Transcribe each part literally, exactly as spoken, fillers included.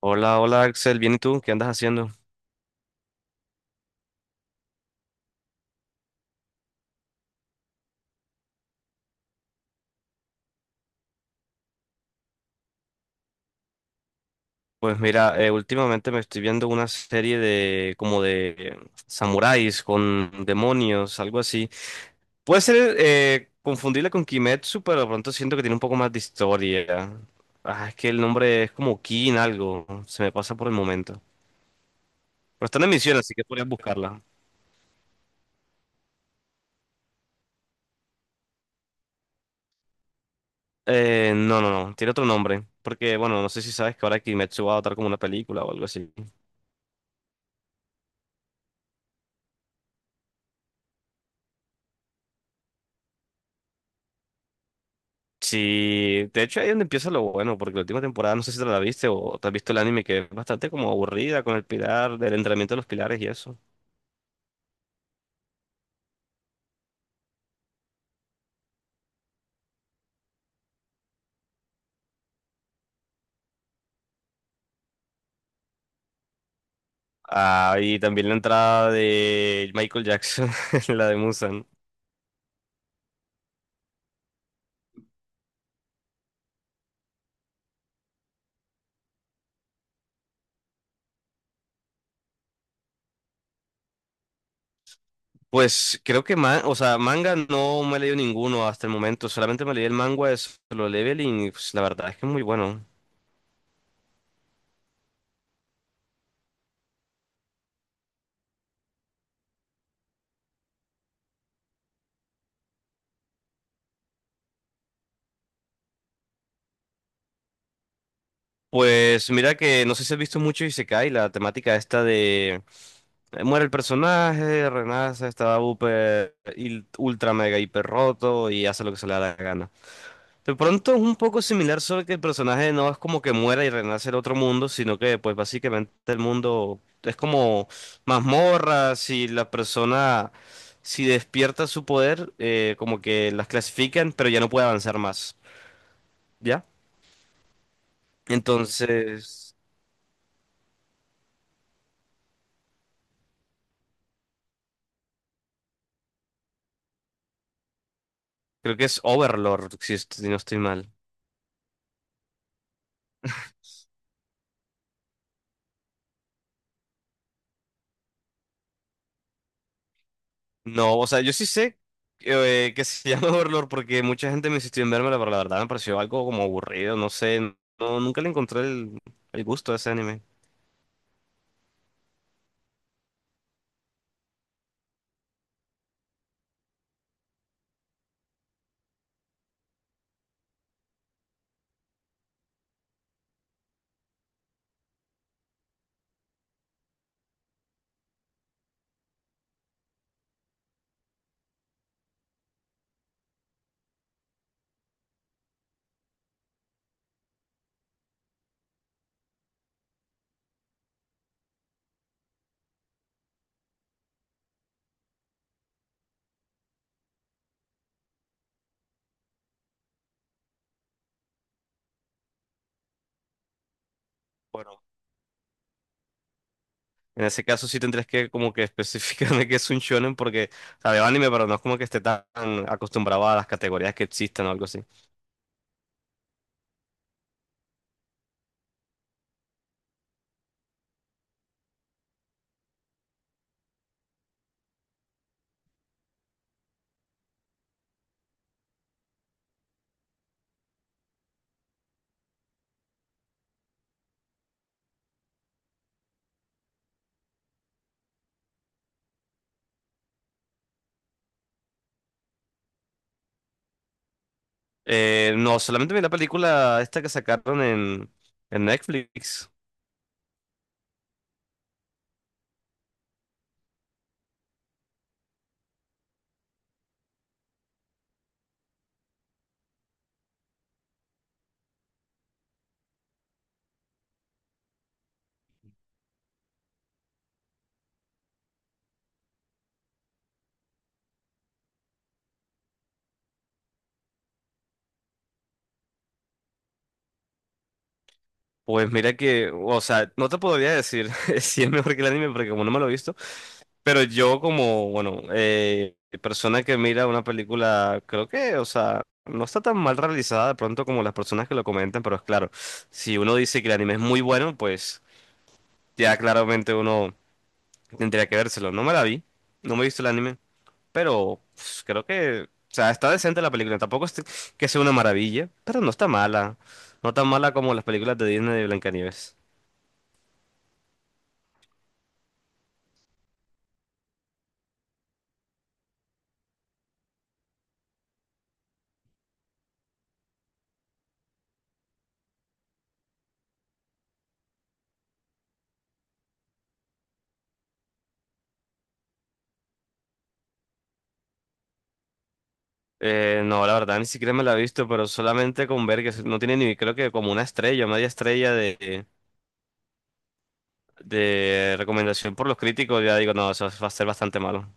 Hola, hola Axel, ¿bien y tú? ¿Qué andas haciendo? Pues mira, eh, últimamente me estoy viendo una serie de como de eh, samuráis con demonios, algo así. Puede ser eh, confundible con Kimetsu, pero de pronto siento que tiene un poco más de historia. Ah, es que el nombre es como Kin algo, se me pasa por el momento. Pero está en emisión, así que podrías buscarla. Eh, no, no, no, tiene otro nombre, porque bueno, no sé si sabes que ahora Kimetsu va a adaptar como una película o algo así. Sí, de hecho ahí es donde empieza lo bueno, porque la última temporada, no sé si te la viste o te has visto el anime, que es bastante como aburrida con el pilar, del entrenamiento de los pilares y eso. Ah, y también la entrada de Michael Jackson, la de Musan. Pues creo que, ma- o sea, manga no me he leído ninguno hasta el momento, solamente me leí el manga de Solo Leveling y pues, la verdad es que es muy bueno. Pues mira que no sé si has visto mucho Isekai, la temática esta de eh, muere el personaje, renace, está upe- il- ultra mega hiper roto y hace lo que se le da la gana. De pronto es un poco similar, solo que el personaje no es como que muera y renace en otro mundo, sino que pues básicamente el mundo es como mazmorras si la persona si despierta su poder, eh, como que las clasifican, pero ya no puede avanzar más, ¿ya? Entonces... Creo que es Overlord, si, est- si no estoy mal. No, o sea, yo sí sé eh, que se llama Overlord porque mucha gente me insistió en vérmela, pero la verdad me pareció algo como aburrido, no sé. No, nunca le encontré el, el gusto a ese anime. Bueno, en ese caso sí tendrías que como que especificarme que es un shonen porque, o sea, veo anime, pero no es como que esté tan acostumbrado a las categorías que existan o algo así. Eh, no, solamente vi la película esta que sacaron en, en Netflix. Pues mira que, o sea, no te podría decir si es mejor que el anime porque como no me lo he visto, pero yo como, bueno, eh, persona que mira una película, creo que, o sea, no está tan mal realizada de pronto como las personas que lo comentan, pero es claro, si uno dice que el anime es muy bueno, pues ya claramente uno tendría que vérselo. No me la vi, no me he visto el anime, pero pues, creo que, o sea, está decente la película, tampoco es que sea una maravilla, pero no está mala, no tan mala como las películas de Disney de Blancanieves. Eh, no, la verdad, ni siquiera me la he visto, pero solamente con ver que no tiene ni, creo que como una estrella, media estrella de, de recomendación por los críticos, ya digo, no, eso va a ser bastante malo.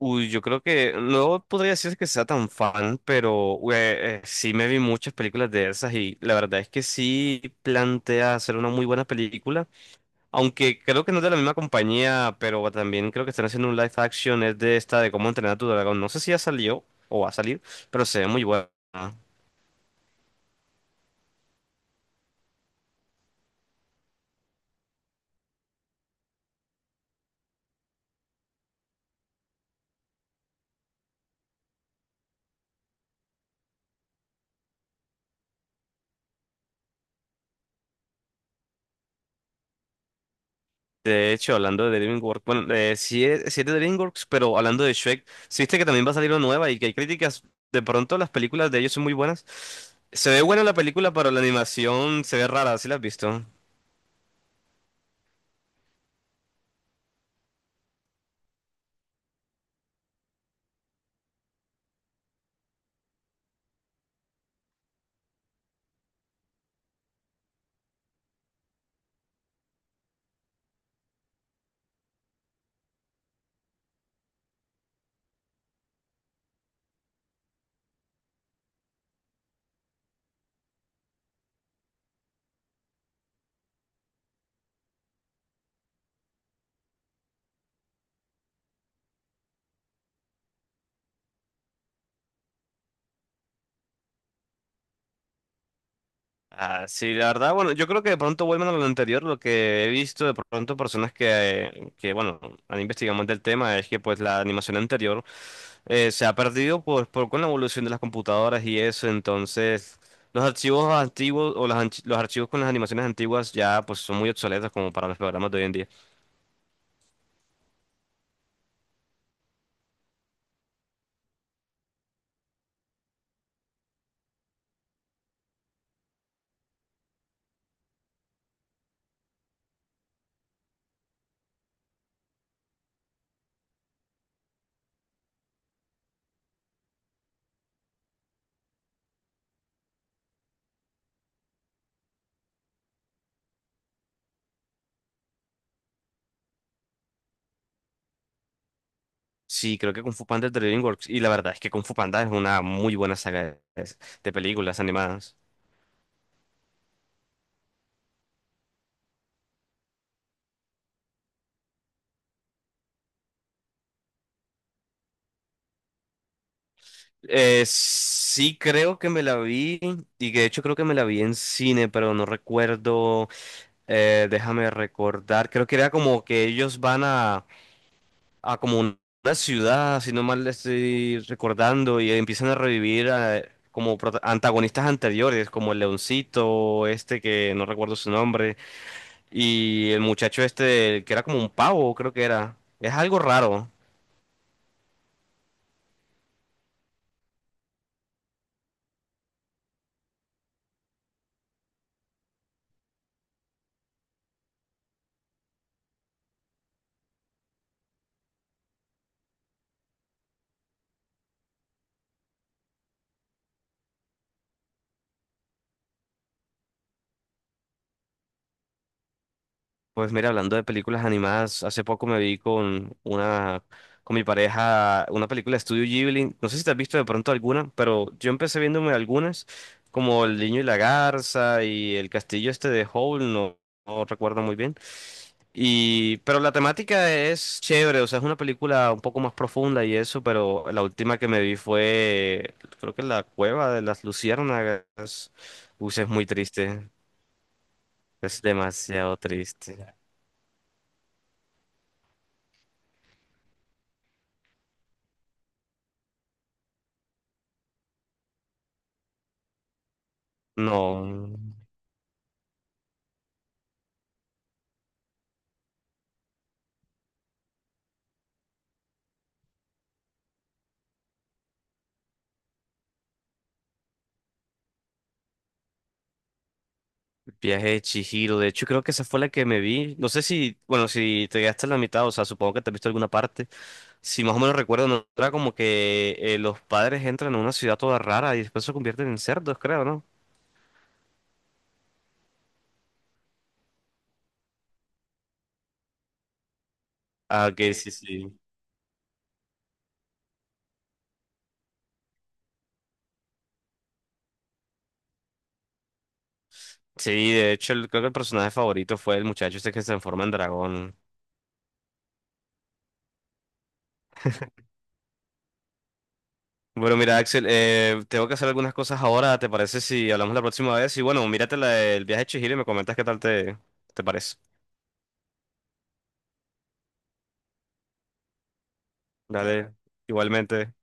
Uy, yo creo que no podría decir que sea tan fan, pero ué, eh, eh, sí me vi muchas películas de esas y la verdad es que sí plantea hacer una muy buena película, aunque creo que no es de la misma compañía, pero también creo que están haciendo un live action, es de esta de cómo entrenar a tu dragón. No sé si ya salió o va a salir, pero se ve muy buena. De hecho, hablando de DreamWorks, bueno, eh, sí, es, sí es de DreamWorks, pero hablando de Shrek, sí viste que también va a salir una nueva y que hay críticas. De pronto las películas de ellos son muy buenas. Se ve buena la película, pero la animación se ve rara, ¿sí la has visto? Ah, sí, la verdad, bueno, yo creo que de pronto vuelven a lo anterior, lo que he visto de pronto personas que, que bueno, han investigado más del tema es que pues la animación anterior eh, se ha perdido pues por, con la evolución de las computadoras y eso, entonces los archivos antiguos o las anch- los archivos con las animaciones antiguas ya pues son muy obsoletos como para los programas de hoy en día. Sí, creo que Kung Fu Panda es de DreamWorks y la verdad es que Kung Fu Panda es una muy buena saga de de películas animadas. Eh, sí, creo que me la vi y que de hecho creo que me la vi en cine, pero no recuerdo, eh, déjame recordar, creo que era como que ellos van a, a como un- una ciudad, si no mal estoy recordando, y empiezan a revivir eh, como prota- antagonistas anteriores, como el leoncito, este que no recuerdo su nombre, y el muchacho este que era como un pavo, creo que era. Es algo raro. Pues mira, hablando de películas animadas, hace poco me vi con una, con mi pareja, una película de Studio Ghibli. No sé si te has visto de pronto alguna, pero yo empecé viéndome algunas, como El Niño y la Garza y El Castillo este de Howl, no, no recuerdo muy bien. Y, pero la temática es chévere, o sea, es una película un poco más profunda y eso, pero la última que me vi fue, creo que La Cueva de las Luciérnagas. Uy, es muy triste, es demasiado triste. No, viaje de Chihiro. De hecho, creo que esa fue la que me vi. No sé si, bueno, si te quedaste en la mitad, o sea, supongo que te has visto alguna parte. Si más o menos recuerdo, no era como que eh, los padres entran a una ciudad toda rara y después se convierten en cerdos, creo, ¿no? Ah, que sí, sí. Sí, de hecho, el- creo que el personaje favorito fue el muchacho este que se transforma en dragón. Bueno, mira, Axel, eh, tengo que hacer algunas cosas ahora. ¿Te parece si hablamos la próxima vez? Y bueno, mírate la del viaje de Chihiro y me comentas qué tal te, te parece. Dale, igualmente.